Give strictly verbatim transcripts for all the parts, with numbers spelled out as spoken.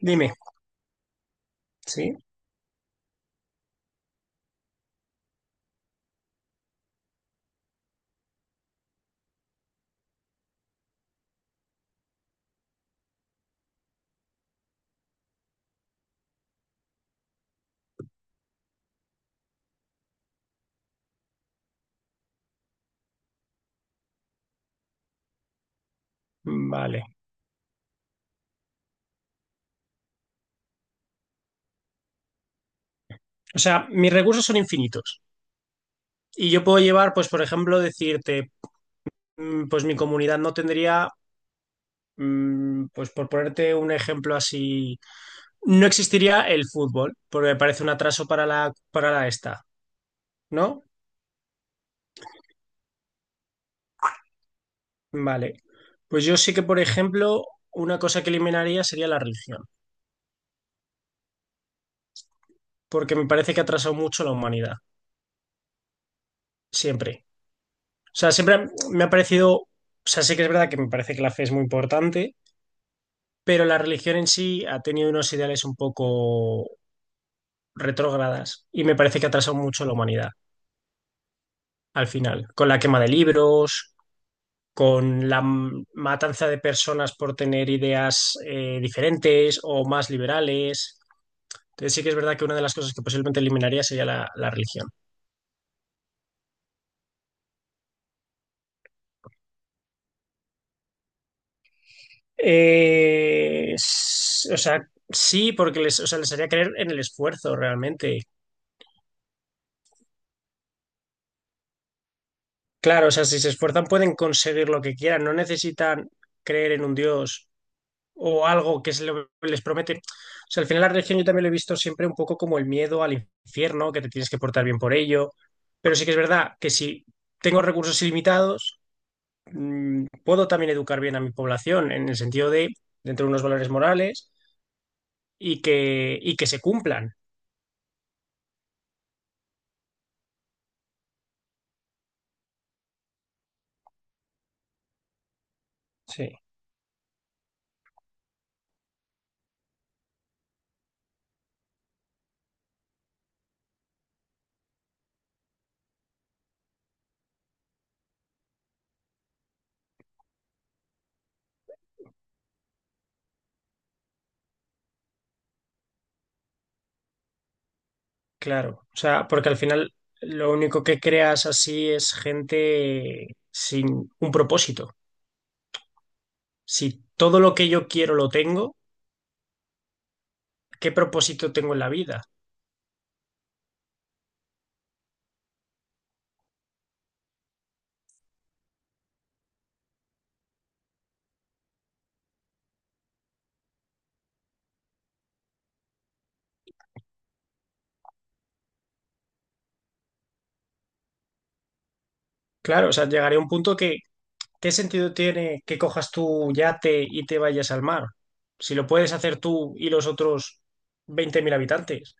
Dime, ¿sí? Vale. O sea, mis recursos son infinitos. Y yo puedo llevar, pues, por ejemplo, decirte, mm, pues mi comunidad no tendría, mm, pues, por ponerte un ejemplo así, no existiría el fútbol, porque me parece un atraso para la, para la esta, ¿no? Vale. Pues yo sí que, por ejemplo, una cosa que eliminaría sería la religión, porque me parece que ha atrasado mucho la humanidad, siempre. O sea, siempre me ha parecido, o sea, sí que es verdad que me parece que la fe es muy importante, pero la religión en sí ha tenido unos ideales un poco retrógradas y me parece que ha atrasado mucho a la humanidad al final, con la quema de libros, con la m- matanza de personas por tener ideas eh, diferentes o más liberales. Entonces sí que es verdad que una de las cosas que posiblemente eliminaría sería la, la religión. Eh, s- o sea, sí, porque les, o sea, les haría creer en el esfuerzo realmente. Claro, o sea, si se esfuerzan pueden conseguir lo que quieran, no necesitan creer en un Dios o algo que se le- les promete. O sea, al final la religión yo también lo he visto siempre un poco como el miedo al infierno, que te tienes que portar bien por ello. Pero sí que es verdad que si tengo recursos ilimitados, mm, puedo también educar bien a mi población en el sentido de dentro de unos valores morales y que, y que se cumplan. Sí, claro. O sea, porque al final lo único que creas así es gente sin un propósito. Si todo lo que yo quiero lo tengo, ¿qué propósito tengo en la vida? Claro, o sea, llegaría un punto que, ¿qué sentido tiene que cojas tu yate y te vayas al mar? Si lo puedes hacer tú y los otros veinte mil habitantes.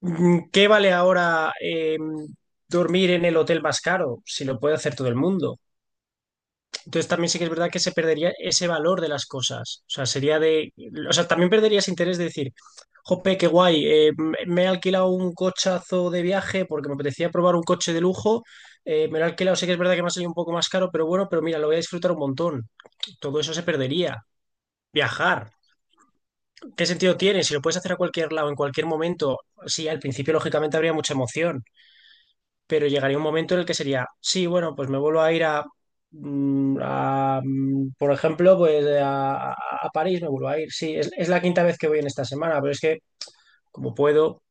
Mm, ¿Qué vale ahora eh, dormir en el hotel más caro si lo puede hacer todo el mundo? Entonces también sí que es verdad que se perdería ese valor de las cosas. O sea, sería de. O sea, también perderías interés de decir, jope, qué guay, eh, m- me he alquilado un cochazo de viaje porque me apetecía probar un coche de lujo. eh, me lo he alquilado, sé que es verdad que me ha salido un poco más caro, pero bueno, pero mira, lo voy a disfrutar un montón. Todo eso se perdería. Viajar, ¿qué sentido tiene? Si lo puedes hacer a cualquier lado, en cualquier momento, sí, al principio lógicamente habría mucha emoción, pero llegaría un momento en el que sería, sí, bueno, pues me vuelvo a ir a, mm, a, mm, por ejemplo, pues a, a- a París me vuelvo a ir. Sí, es, es la quinta vez que voy en esta semana, pero es que como puedo,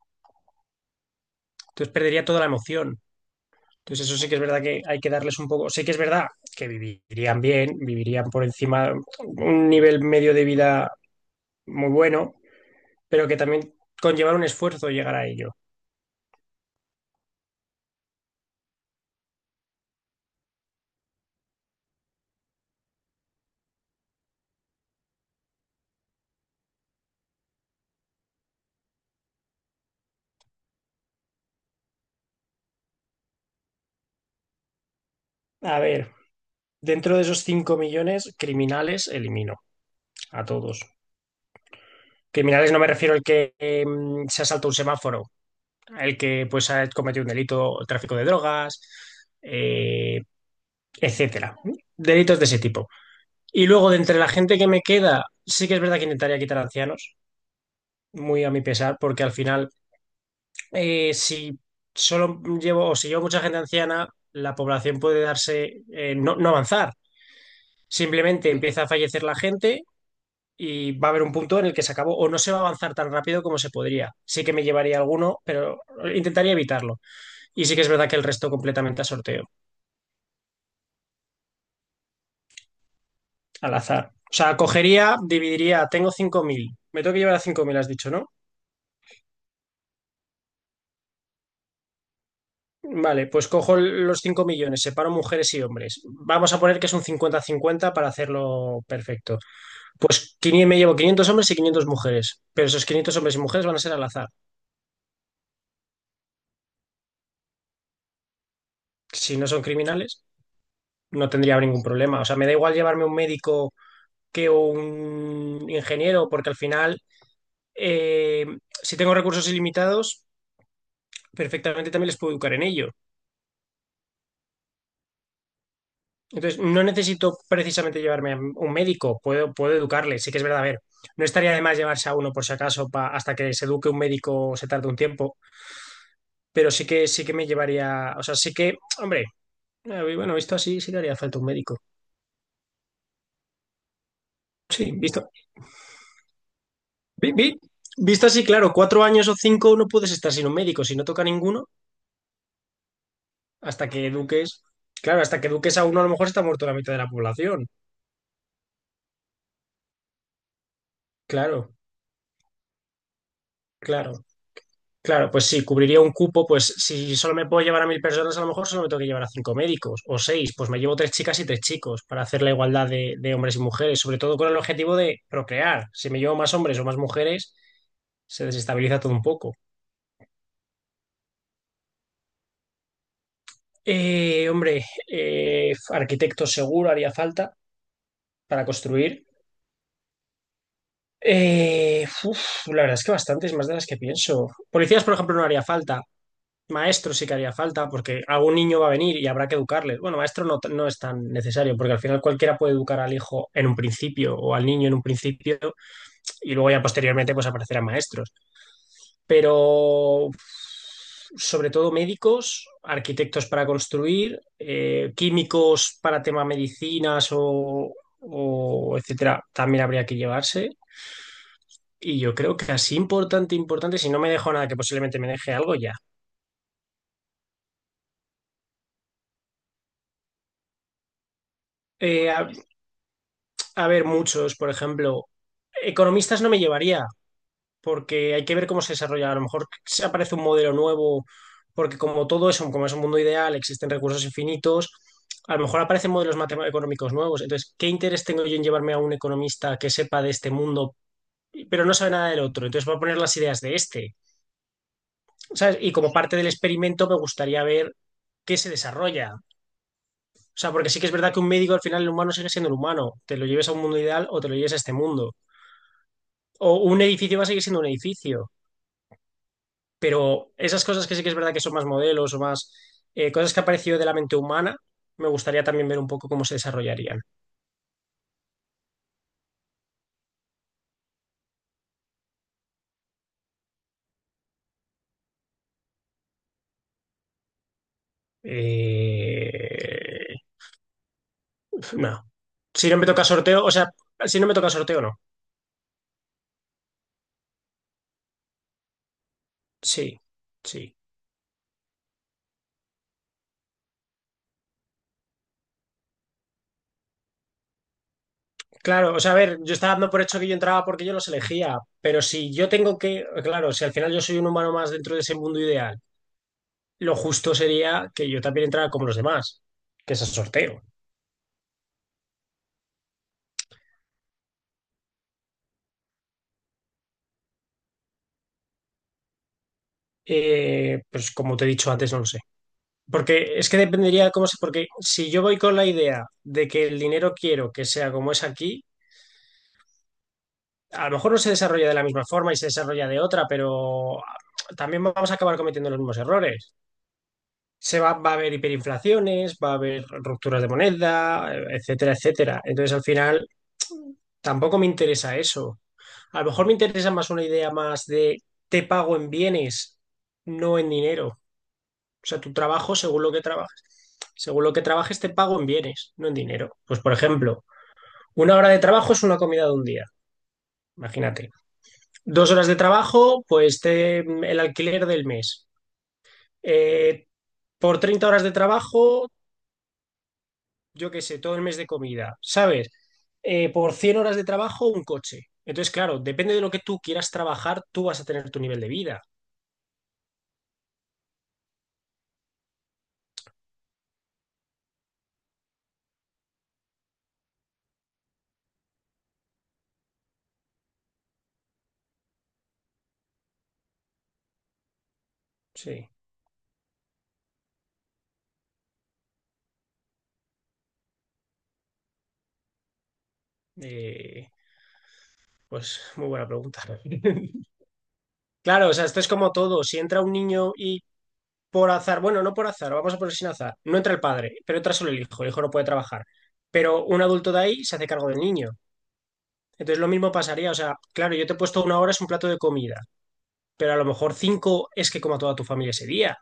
entonces perdería toda la emoción. Entonces eso sí que es verdad que hay que darles un poco, sí que es verdad que vivirían bien, vivirían por encima un nivel medio de vida muy bueno, pero que también conllevar un esfuerzo llegar a ello. A ver, dentro de esos cinco millones criminales elimino a todos. Criminales no me refiero al que eh, se ha saltado un semáforo, el que pues ha cometido un delito, tráfico de drogas, eh, etcétera. ¿No? Delitos de ese tipo. Y luego, de entre la gente que me queda, sí que es verdad que intentaría quitar ancianos, muy a mi pesar, porque al final, eh, si solo llevo o si llevo mucha gente anciana, la población puede darse, eh, no, no avanzar. Simplemente empieza a fallecer la gente y va a haber un punto en el que se acabó o no se va a avanzar tan rápido como se podría. Sí que me llevaría alguno, pero intentaría evitarlo. Y sí que es verdad que el resto completamente a sorteo, al azar. O sea, cogería, dividiría, tengo cinco mil, me tengo que llevar a cinco mil, has dicho, ¿no? Vale, pues cojo los cinco millones, separo mujeres y hombres. Vamos a poner que es un cincuenta cincuenta para hacerlo perfecto. Pues quinientos, me llevo quinientos hombres y quinientos mujeres, pero esos quinientos hombres y mujeres van a ser al azar. Si no son criminales, no tendría ningún problema. O sea, me da igual llevarme un médico que un ingeniero, porque al final, eh, si tengo recursos ilimitados, perfectamente también les puedo educar en ello. Entonces, no necesito precisamente llevarme a un médico, puedo, puedo educarle, sí que es verdad, a ver, no estaría de más llevarse a uno por si acaso pa- hasta que se eduque un médico se tarde un tiempo, pero sí que sí que me llevaría, o sea, sí que, hombre, eh, bueno, visto así sí que haría falta un médico. Sí, visto. vi- vi- Visto así, claro, cuatro años o cinco no puedes estar sin un médico, si no toca ninguno. Hasta que eduques, claro, hasta que eduques a uno a lo mejor está muerto la mitad de la población. Claro, claro, claro, pues sí, cubriría un cupo, pues si solo me puedo llevar a mil personas, a lo mejor solo me tengo que llevar a cinco médicos o seis, pues me llevo tres chicas y tres chicos para hacer la igualdad de, de hombres y mujeres, sobre todo con el objetivo de procrear. Si me llevo más hombres o más mujeres, se desestabiliza todo un poco. Eh, hombre, eh, arquitecto seguro haría falta para construir. Eh, uf, la verdad es que bastantes más de las que pienso. Policías, por ejemplo, no haría falta. Maestro sí que haría falta, porque algún niño va a venir y habrá que educarle. Bueno, maestro no, no es tan necesario, porque al final cualquiera puede educar al hijo en un principio o al niño en un principio y luego ya posteriormente pues aparecerán maestros. Pero sobre todo médicos, arquitectos para construir, eh, químicos para tema medicinas o, o etcétera, también habría que llevarse. Y yo creo que así importante, importante, si no me dejo nada, que posiblemente me deje algo ya. Eh, A ver, muchos, por ejemplo, economistas no me llevaría, porque hay que ver cómo se desarrolla. A lo mejor se aparece un modelo nuevo, porque como todo eso, como es un mundo ideal, existen recursos infinitos, a lo mejor aparecen modelos matemáticos económicos nuevos. Entonces, ¿qué interés tengo yo en llevarme a un economista que sepa de este mundo, pero no sabe nada del otro? Entonces, voy a poner las ideas de este, ¿sabes? Y como parte del experimento, me gustaría ver qué se desarrolla. O sea, porque sí que es verdad que un médico al final el humano sigue siendo el humano. Te lo lleves a un mundo ideal o te lo lleves a este mundo, o un edificio va a seguir siendo un edificio, pero esas cosas que sí que es verdad que son más modelos o más eh, cosas que han aparecido de la mente humana, me gustaría también ver un poco cómo se desarrollarían. Eh, no. Si no me toca sorteo, o sea, si no me toca sorteo, no. Sí, sí. Claro, o sea, a ver, yo estaba dando por hecho que yo entraba porque yo los elegía, pero si yo tengo que, claro, si al final yo soy un humano más dentro de ese mundo ideal, lo justo sería que yo también entrara como los demás, que es el sorteo. Eh, pues como te he dicho antes, no lo sé. Porque es que dependería de cómo se... Porque si yo voy con la idea de que el dinero quiero que sea como es aquí, a lo mejor no se desarrolla de la misma forma y se desarrolla de otra, pero también vamos a acabar cometiendo los mismos errores. Se va, va a haber hiperinflaciones, va a haber rupturas de moneda, etcétera, etcétera. Entonces, al final, tampoco me interesa eso. A lo mejor me interesa más una idea más de te pago en bienes, no en dinero. O sea, tu trabajo, según lo que trabajes, según lo que trabajes, te pago en bienes, no en dinero. Pues, por ejemplo, una hora de trabajo es una comida de un día, imagínate. Dos horas de trabajo, pues te, el alquiler del mes. Eh, por treinta horas de trabajo, yo qué sé, todo el mes de comida, ¿sabes? Eh, por cien horas de trabajo, un coche. Entonces, claro, depende de lo que tú quieras trabajar, tú vas a tener tu nivel de vida. Sí. Eh, pues muy buena pregunta. Claro, o sea, esto es como todo. Si entra un niño y por azar, bueno, no por azar, vamos a poner sin azar, no entra el padre, pero entra solo el hijo, el hijo no puede trabajar, pero un adulto de ahí se hace cargo del niño. Entonces lo mismo pasaría, o sea, claro, yo te he puesto una hora es un plato de comida, pero a lo mejor cinco es que coma toda tu familia ese día,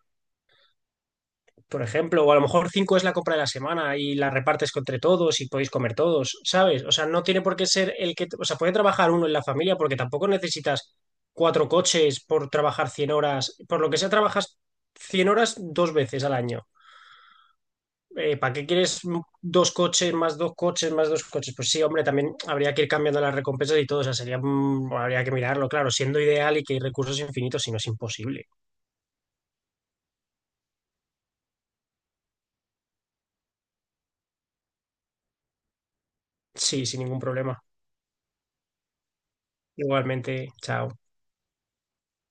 por ejemplo, o a lo mejor cinco es la compra de la semana y la repartes entre todos y podéis comer todos, ¿sabes? O sea, no tiene por qué ser el que, o sea, puede trabajar uno en la familia porque tampoco necesitas cuatro coches por trabajar cien horas, por lo que sea, trabajas cien horas dos veces al año. Eh, ¿para qué quieres dos coches, más dos coches, más dos coches? Pues sí, hombre, también habría que ir cambiando las recompensas y todo, o sea, sería, mm, habría que mirarlo, claro, siendo ideal y que hay recursos infinitos, si no es imposible. Sí, sin ningún problema. Igualmente, chao.